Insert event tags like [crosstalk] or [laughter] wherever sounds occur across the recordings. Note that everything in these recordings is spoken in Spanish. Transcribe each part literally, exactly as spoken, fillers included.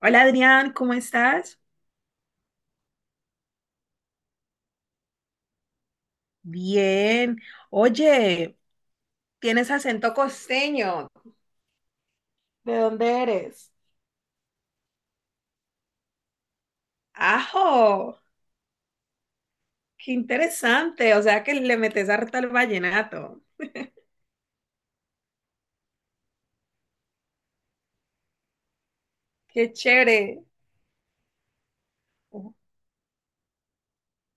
Hola Adrián, ¿cómo estás? Bien. Oye, tienes acento costeño. ¿De dónde eres? Ajo, qué interesante. O sea que le metes harta al vallenato. Qué chévere.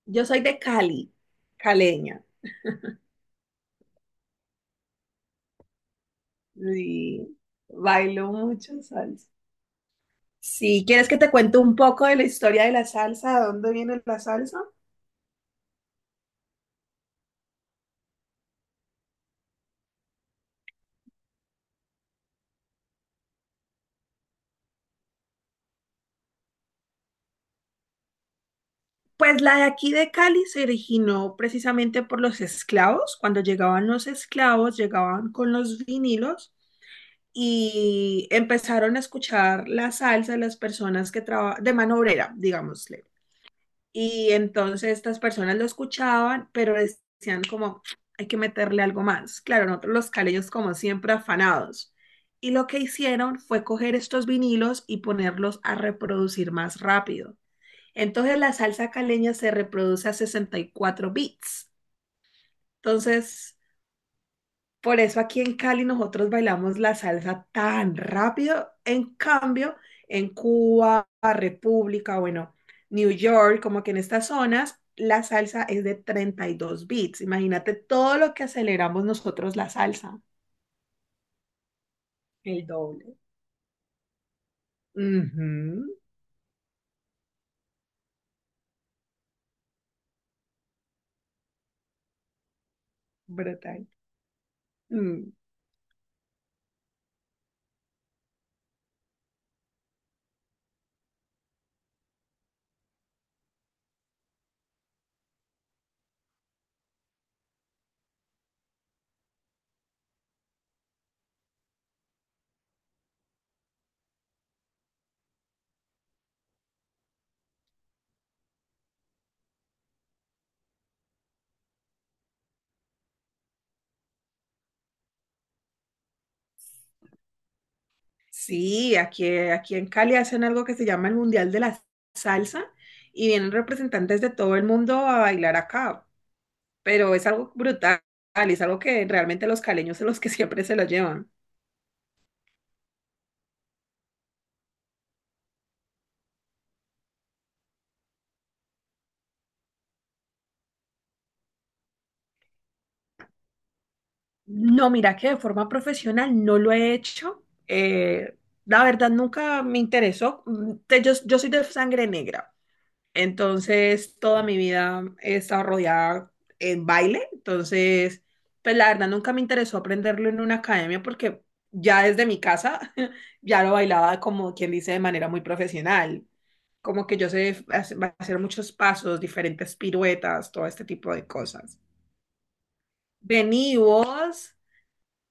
Yo soy de Cali, caleña, y bailo mucho salsa. Si quieres que te cuente un poco de la historia de la salsa, ¿de dónde viene la salsa? Pues la de aquí de Cali se originó precisamente por los esclavos. Cuando llegaban los esclavos, llegaban con los vinilos y empezaron a escuchar la salsa de las personas que trabajan de mano obrera, digámosle. Y entonces estas personas lo escuchaban, pero decían como, hay que meterle algo más. Claro, nosotros los caleños como siempre afanados. Y lo que hicieron fue coger estos vinilos y ponerlos a reproducir más rápido. Entonces la salsa caleña se reproduce a sesenta y cuatro beats. Entonces, por eso aquí en Cali nosotros bailamos la salsa tan rápido. En cambio, en Cuba, República, bueno, New York, como que en estas zonas, la salsa es de treinta y dos beats. Imagínate todo lo que aceleramos nosotros la salsa. El doble. Ujú, brutal. Mm. Sí, aquí, aquí en Cali hacen algo que se llama el Mundial de la Salsa y vienen representantes de todo el mundo a bailar acá, pero es algo brutal, es algo que realmente los caleños son los que [laughs] siempre se lo llevan. No, mira que de forma profesional no lo he hecho. Eh, la verdad nunca me interesó. Mm, te- yo, yo soy de sangre negra. Entonces, toda mi vida he estado rodeada en baile. Entonces, pues la verdad nunca me interesó aprenderlo en una academia porque ya desde mi casa [laughs] ya lo bailaba como quien dice de manera muy profesional. Como que yo sé hace- hacer muchos pasos, diferentes piruetas, todo este tipo de cosas. Vení vos,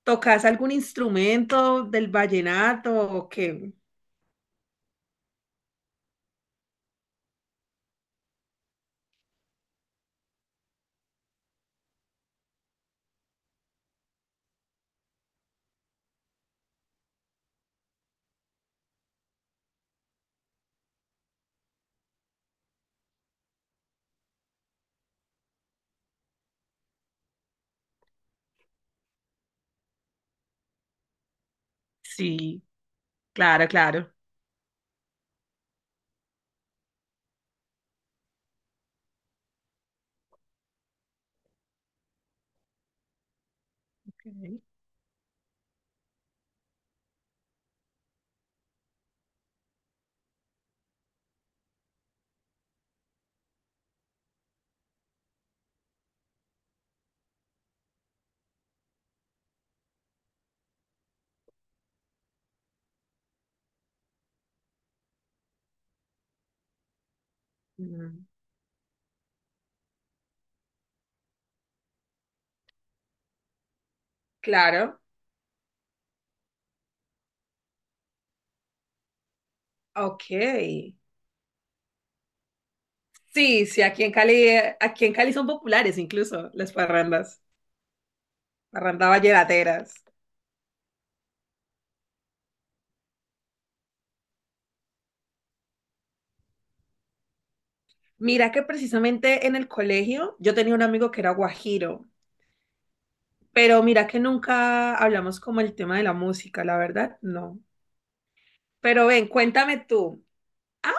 ¿tocás algún instrumento del vallenato o qué? Sí, claro, claro. Ok. Mm, claro, ok. Sí, sí, aquí en Cali, aquí en Cali son populares incluso las parrandas, parrandas vallenateras. Mira que precisamente en el colegio yo tenía un amigo que era guajiro, pero mira que nunca hablamos como el tema de la música, la verdad, no. Pero ven, cuéntame tú, ah,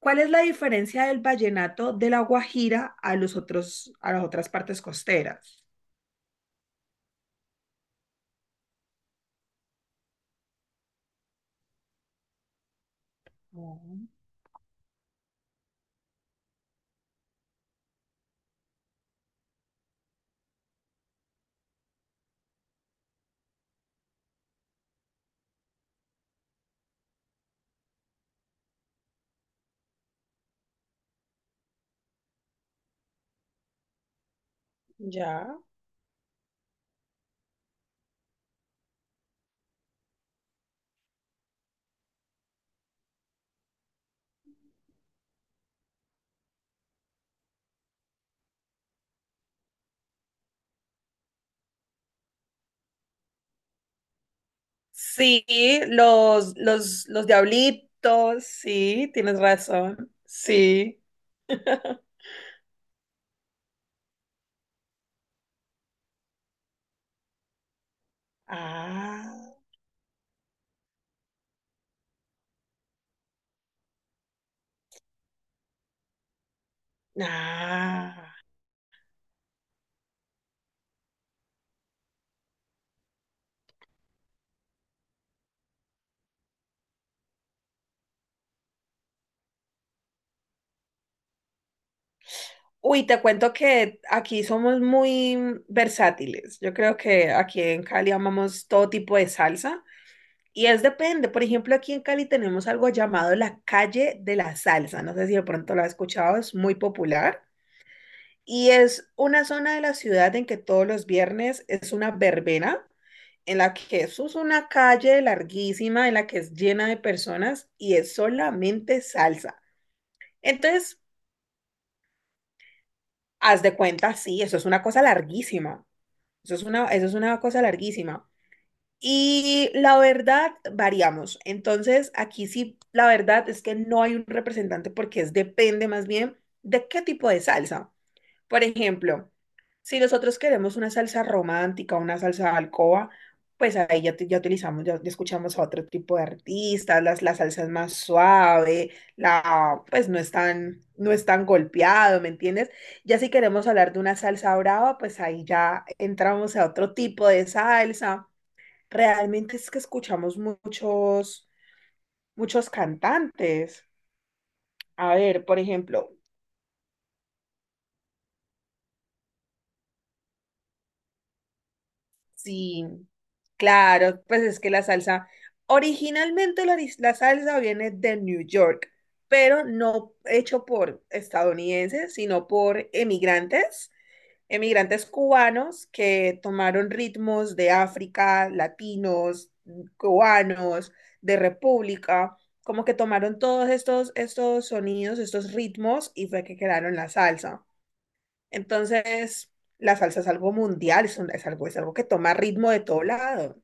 ¿cuál es la diferencia del vallenato de la Guajira a los otros, a las otras partes costeras? Oh, ya. Sí, los, los, los diablitos, sí, tienes razón, sí. Ah, ah. Uy, te cuento que aquí somos muy versátiles. Yo creo que aquí en Cali amamos todo tipo de salsa y es depende. Por ejemplo, aquí en Cali tenemos algo llamado la calle de la salsa. No sé si de pronto lo has escuchado, es muy popular. Y es una zona de la ciudad en que todos los viernes es una verbena en la que eso es una calle larguísima, en la que es llena de personas y es solamente salsa. Entonces, haz de cuenta, sí, eso es una cosa larguísima. Eso es una, eso es una cosa larguísima. Y la verdad, variamos. Entonces, aquí sí, la verdad es que no hay un representante porque es, depende más bien de qué tipo de salsa. Por ejemplo, si nosotros queremos una salsa romántica, una salsa de alcoba, pues ahí ya, te- ya utilizamos, ya, ya escuchamos a otro tipo de artistas, las, la salsa es más suave, la, pues no es tan, no es tan golpeado, ¿me entiendes? Ya si queremos hablar de una salsa brava, pues ahí ya entramos a otro tipo de salsa. Realmente es que escuchamos muchos, muchos cantantes. A ver, por ejemplo, si... Claro, pues es que la salsa, originalmente la, ris- la salsa viene de New York, pero no hecho por estadounidenses, sino por emigrantes, emigrantes cubanos que tomaron ritmos de África, latinos, cubanos, de República, como que tomaron todos estos, estos sonidos, estos ritmos y fue que crearon la salsa. Entonces, la salsa es algo mundial, es, un- es algo, es algo que toma ritmo de todo lado.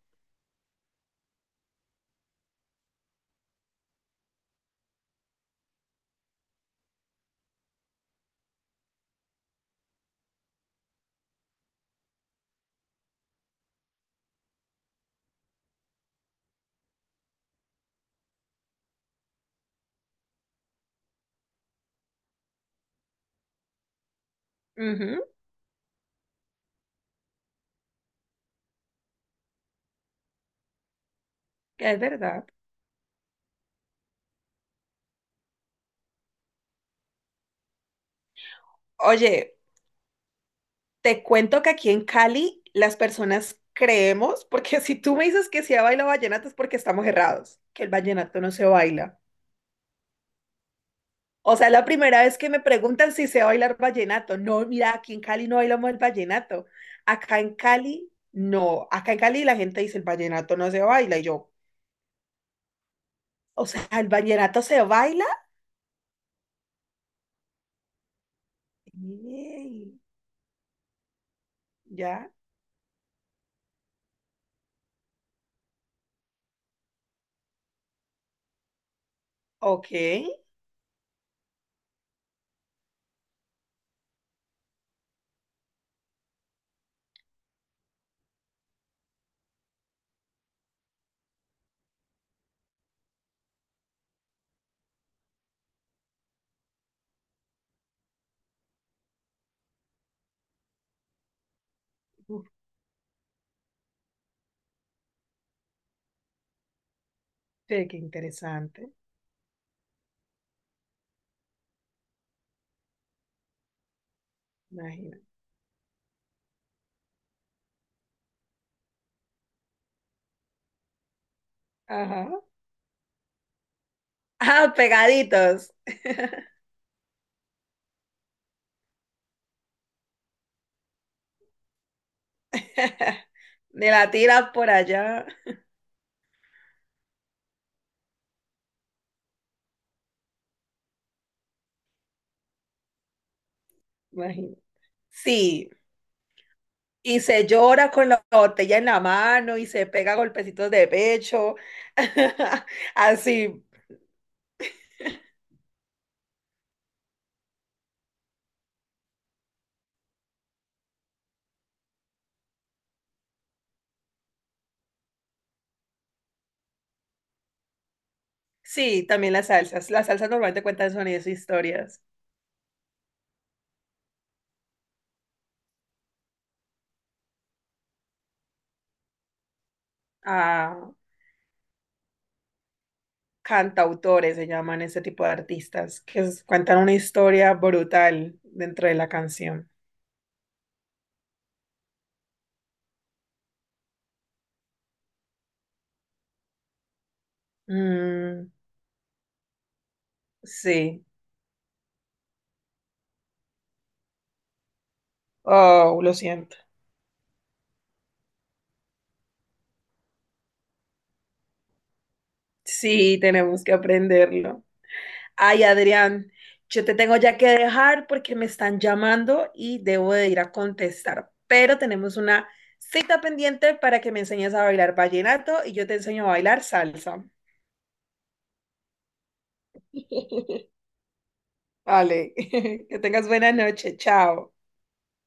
Ujú, es verdad. Oye, te cuento que aquí en Cali las personas creemos, porque [laughs] si tú me dices que se baila vallenato es porque estamos errados, que el vallenato no se baila. O sea, es la primera vez que me preguntan si sé bailar vallenato. No, mira, aquí en Cali no bailamos el vallenato. Acá en Cali, no. Acá en Cali la gente dice el vallenato no se baila. Y yo, o sea, el vallenato se baila. Ey, ya, ok. Uf, qué qué interesante. Imagina. Ajá. Ah, pegaditos. [laughs] De la tira por allá. Imagino. Sí, y se llora con la botella en la mano y se pega golpecitos de pecho. [laughs] Así. Sí, también las salsas. Las salsas normalmente cuentan sonidos e historias. Ah, cantautores se llaman ese tipo de artistas que s- cuentan una historia brutal dentro de la canción. Mm, sí. Oh, lo siento. Sí, tenemos que aprenderlo. Ay, Adrián, yo te tengo ya que dejar porque me están llamando y debo de ir a contestar, pero tenemos una cita pendiente para que me enseñes a bailar vallenato y yo te enseño a bailar salsa. [laughs] Vale, [laughs] que tengas buena noche. Chao.